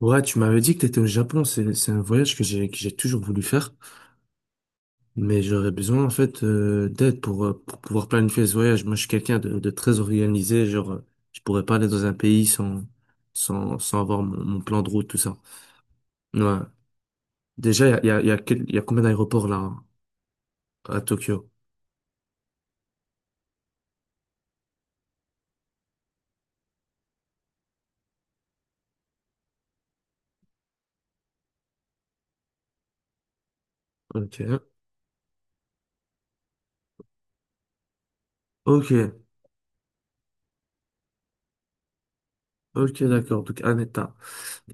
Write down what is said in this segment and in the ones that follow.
Ouais, tu m'avais dit que t'étais au Japon, c'est un voyage que j'ai toujours voulu faire, mais j'aurais besoin en fait d'aide pour pouvoir planifier ce voyage. Moi, je suis quelqu'un de très organisé, genre je pourrais pas aller dans un pays sans sans avoir mon plan de route tout ça. Ouais. Déjà, il y a il y a, il y a quel- il y a combien d'aéroports là à Tokyo? Ok. Ok, ok, d'accord. Donc un état.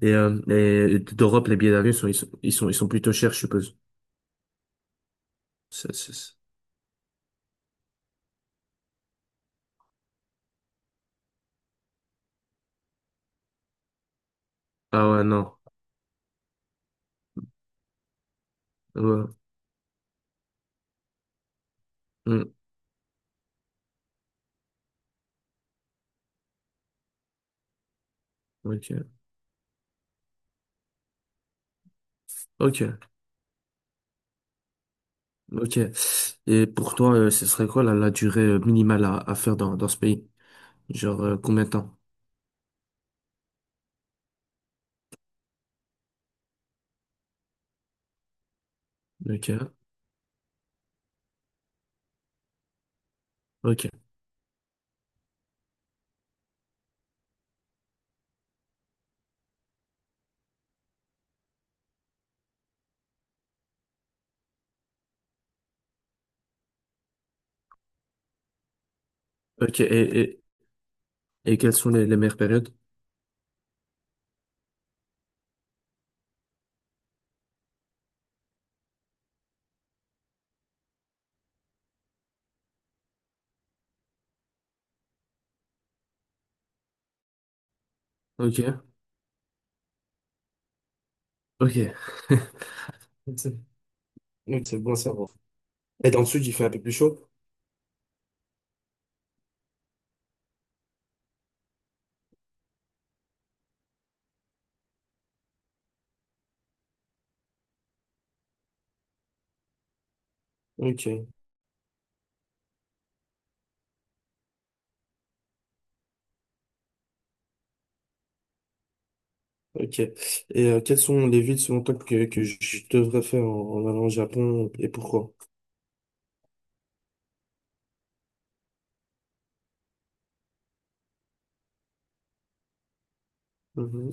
Et d'Europe, les billets d'avion sont ils sont ils sont ils sont plutôt chers, je suppose. C'est- c'est- c'est- Ah ouais, non. Ouais. Hmm. Ok. Ok. Ok. Et pour toi, ce serait quoi la durée minimale à faire dans ce pays? Genre, combien de temps? Ok. Ok. Ok. Et quelles sont les meilleures périodes? Ok. Ok. C'est donc c'est bon à savoir. Et dans le sud, il fait un peu plus chaud? Ok. Ok. Et quelles sont les villes selon toi que je devrais faire en, en allant au Japon et pourquoi? Mhm.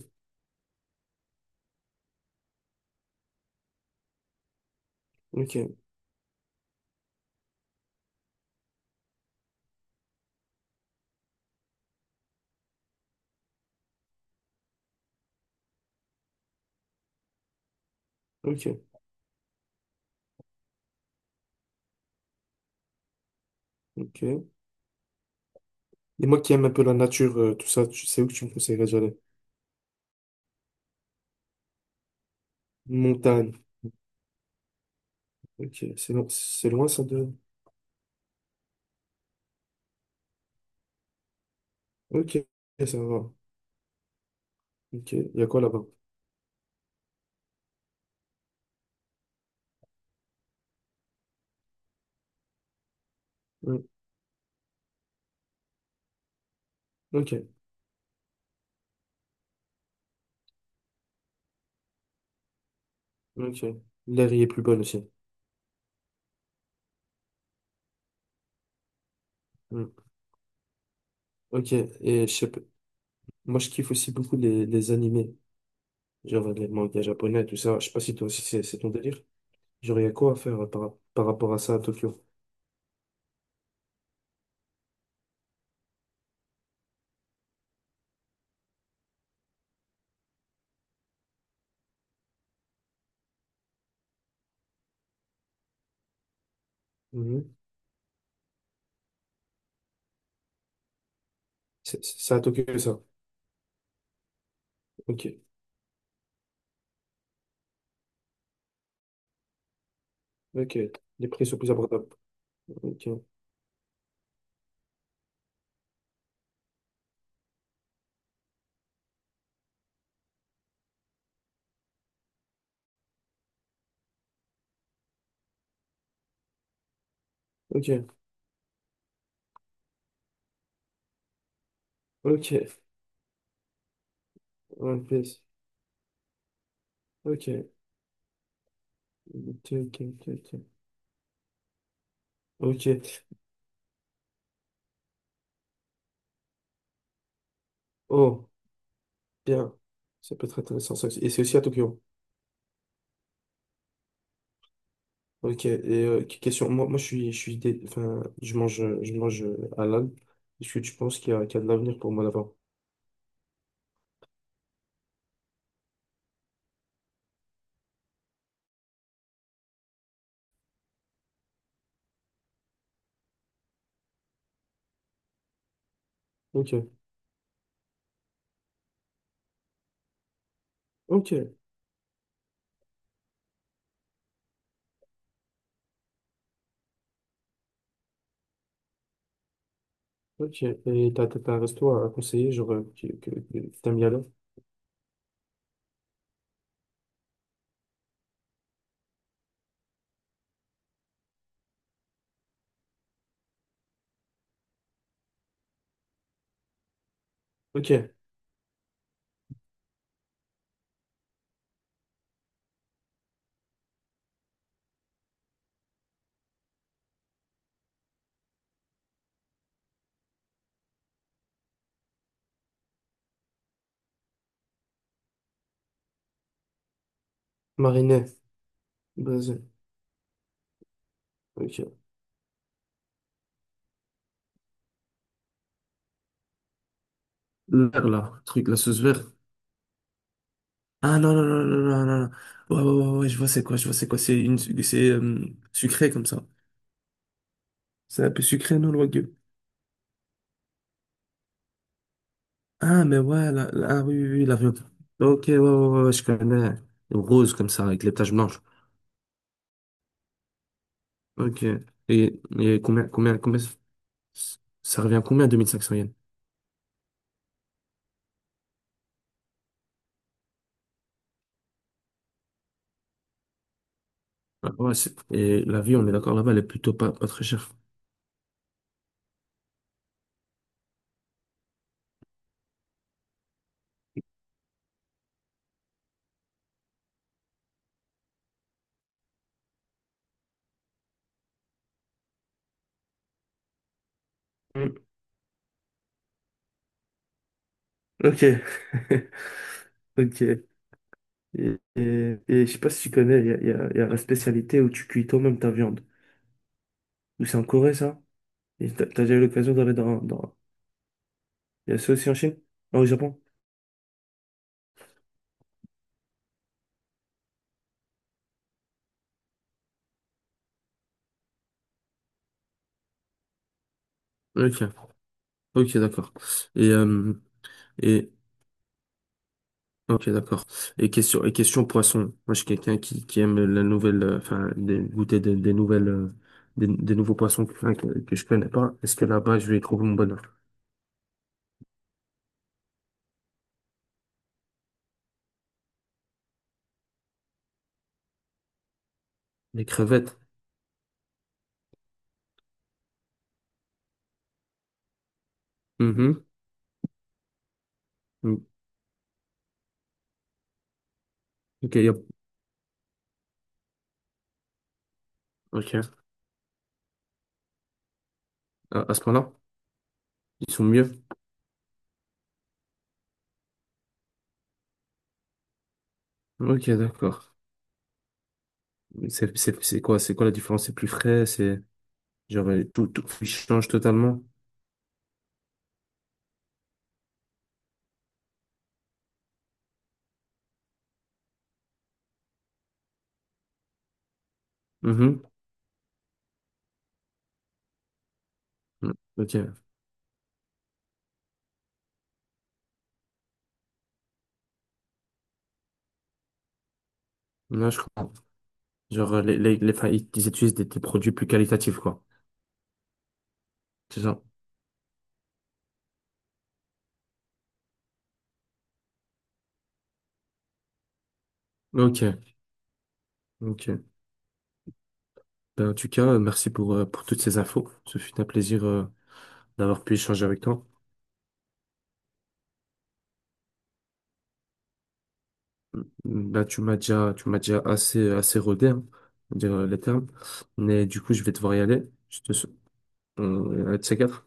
Ok. Ok. Ok. Et moi qui aime un peu la nature, tout ça, tu sais où que tu me conseillerais d'aller? Montagne. Ok. C'est loin ça de. Ok, ça va. Ok, il y a quoi là-bas? Hmm. Ok, ok. L'air y est plus bonne aussi. Hmm. Ok, et je sais pas- moi je kiffe aussi beaucoup les animés, genre les mangas japonais, tout ça. Je sais pas si toi aussi c'est ton délire. Genre, il y a quoi à faire par, par rapport à ça à Tokyo? Mhm. C'est à Tokyo ça. Ok, ok. Les prix sont plus abordables. Ok, ok, ok. One Piece. Ok, ok, ok, ok. Ok, ok. Oh, bien. Ça peut être intéressant ça aussi. Et c'est aussi à Tokyo. Ok, et question, moi enfin, je mange halal. Est-ce que tu penses qu'il y a de l'avenir pour moi là-bas? Ok, ok, ok. Et t'as un resto à conseiller, genre, que t'aimes y aller? Ok, mariné, brésil, ok. Le vert, là, le truc, la sauce verte. Ah non, non, non, non, non, non, non. Ouais, ouais, ouais, ouais, je vois c'est quoi. C'est une, c'est sucré comme ça. C'est un peu sucré, non, le wagyu? Ah, mais ouais, ah oui, oui, oui, l'avion. Ok, ouais, ouais, ouais, ouais, je connais. Rose, comme ça, avec les taches blanches. Ok. Et, combien, ça revient à combien, 2500 yens? Ah, ouais, et la vie, on est d'accord, là-bas, elle est plutôt pas très chère. Mm. Ok. Ok. Et je sais pas si tu connais, il y a la spécialité où tu cuis toi-même ta viande. Ou c'est en Corée, ça? Et t'as déjà eu l'occasion d'aller dans... Il y a ça aussi en Chine? Ah, au Japon? Ok, ok, d'accord. Et, et ok, d'accord. Et question poisson. Moi, je suis quelqu'un qui aime la nouvelle, goûter des nouvelles, des nouveaux poissons que je connais pas. Est-ce que là-bas, je vais y trouver mon bonheur? Les crevettes. Mhm. Mm. Ok, ok. À ce point-là, ils sont mieux. Ok, d'accord. Mais c'est, c'est quoi la différence? C'est plus frais, c'est, genre, tout, tout change totalement. Mhm. Mm. Ok. Là, je comprends. Genre, les, enfin, ils ils utilisent des produits plus qualitatifs, quoi. C'est ça. Ok, ok. Ben, en tout cas, merci pour toutes ces infos. Ce fut un plaisir d'avoir pu échanger avec toi. Mmh. Tu m'as déjà assez rodé, hein, pour dire les termes. Mais du coup, je vais devoir y aller. Je te, sou- on- à de ces quatre.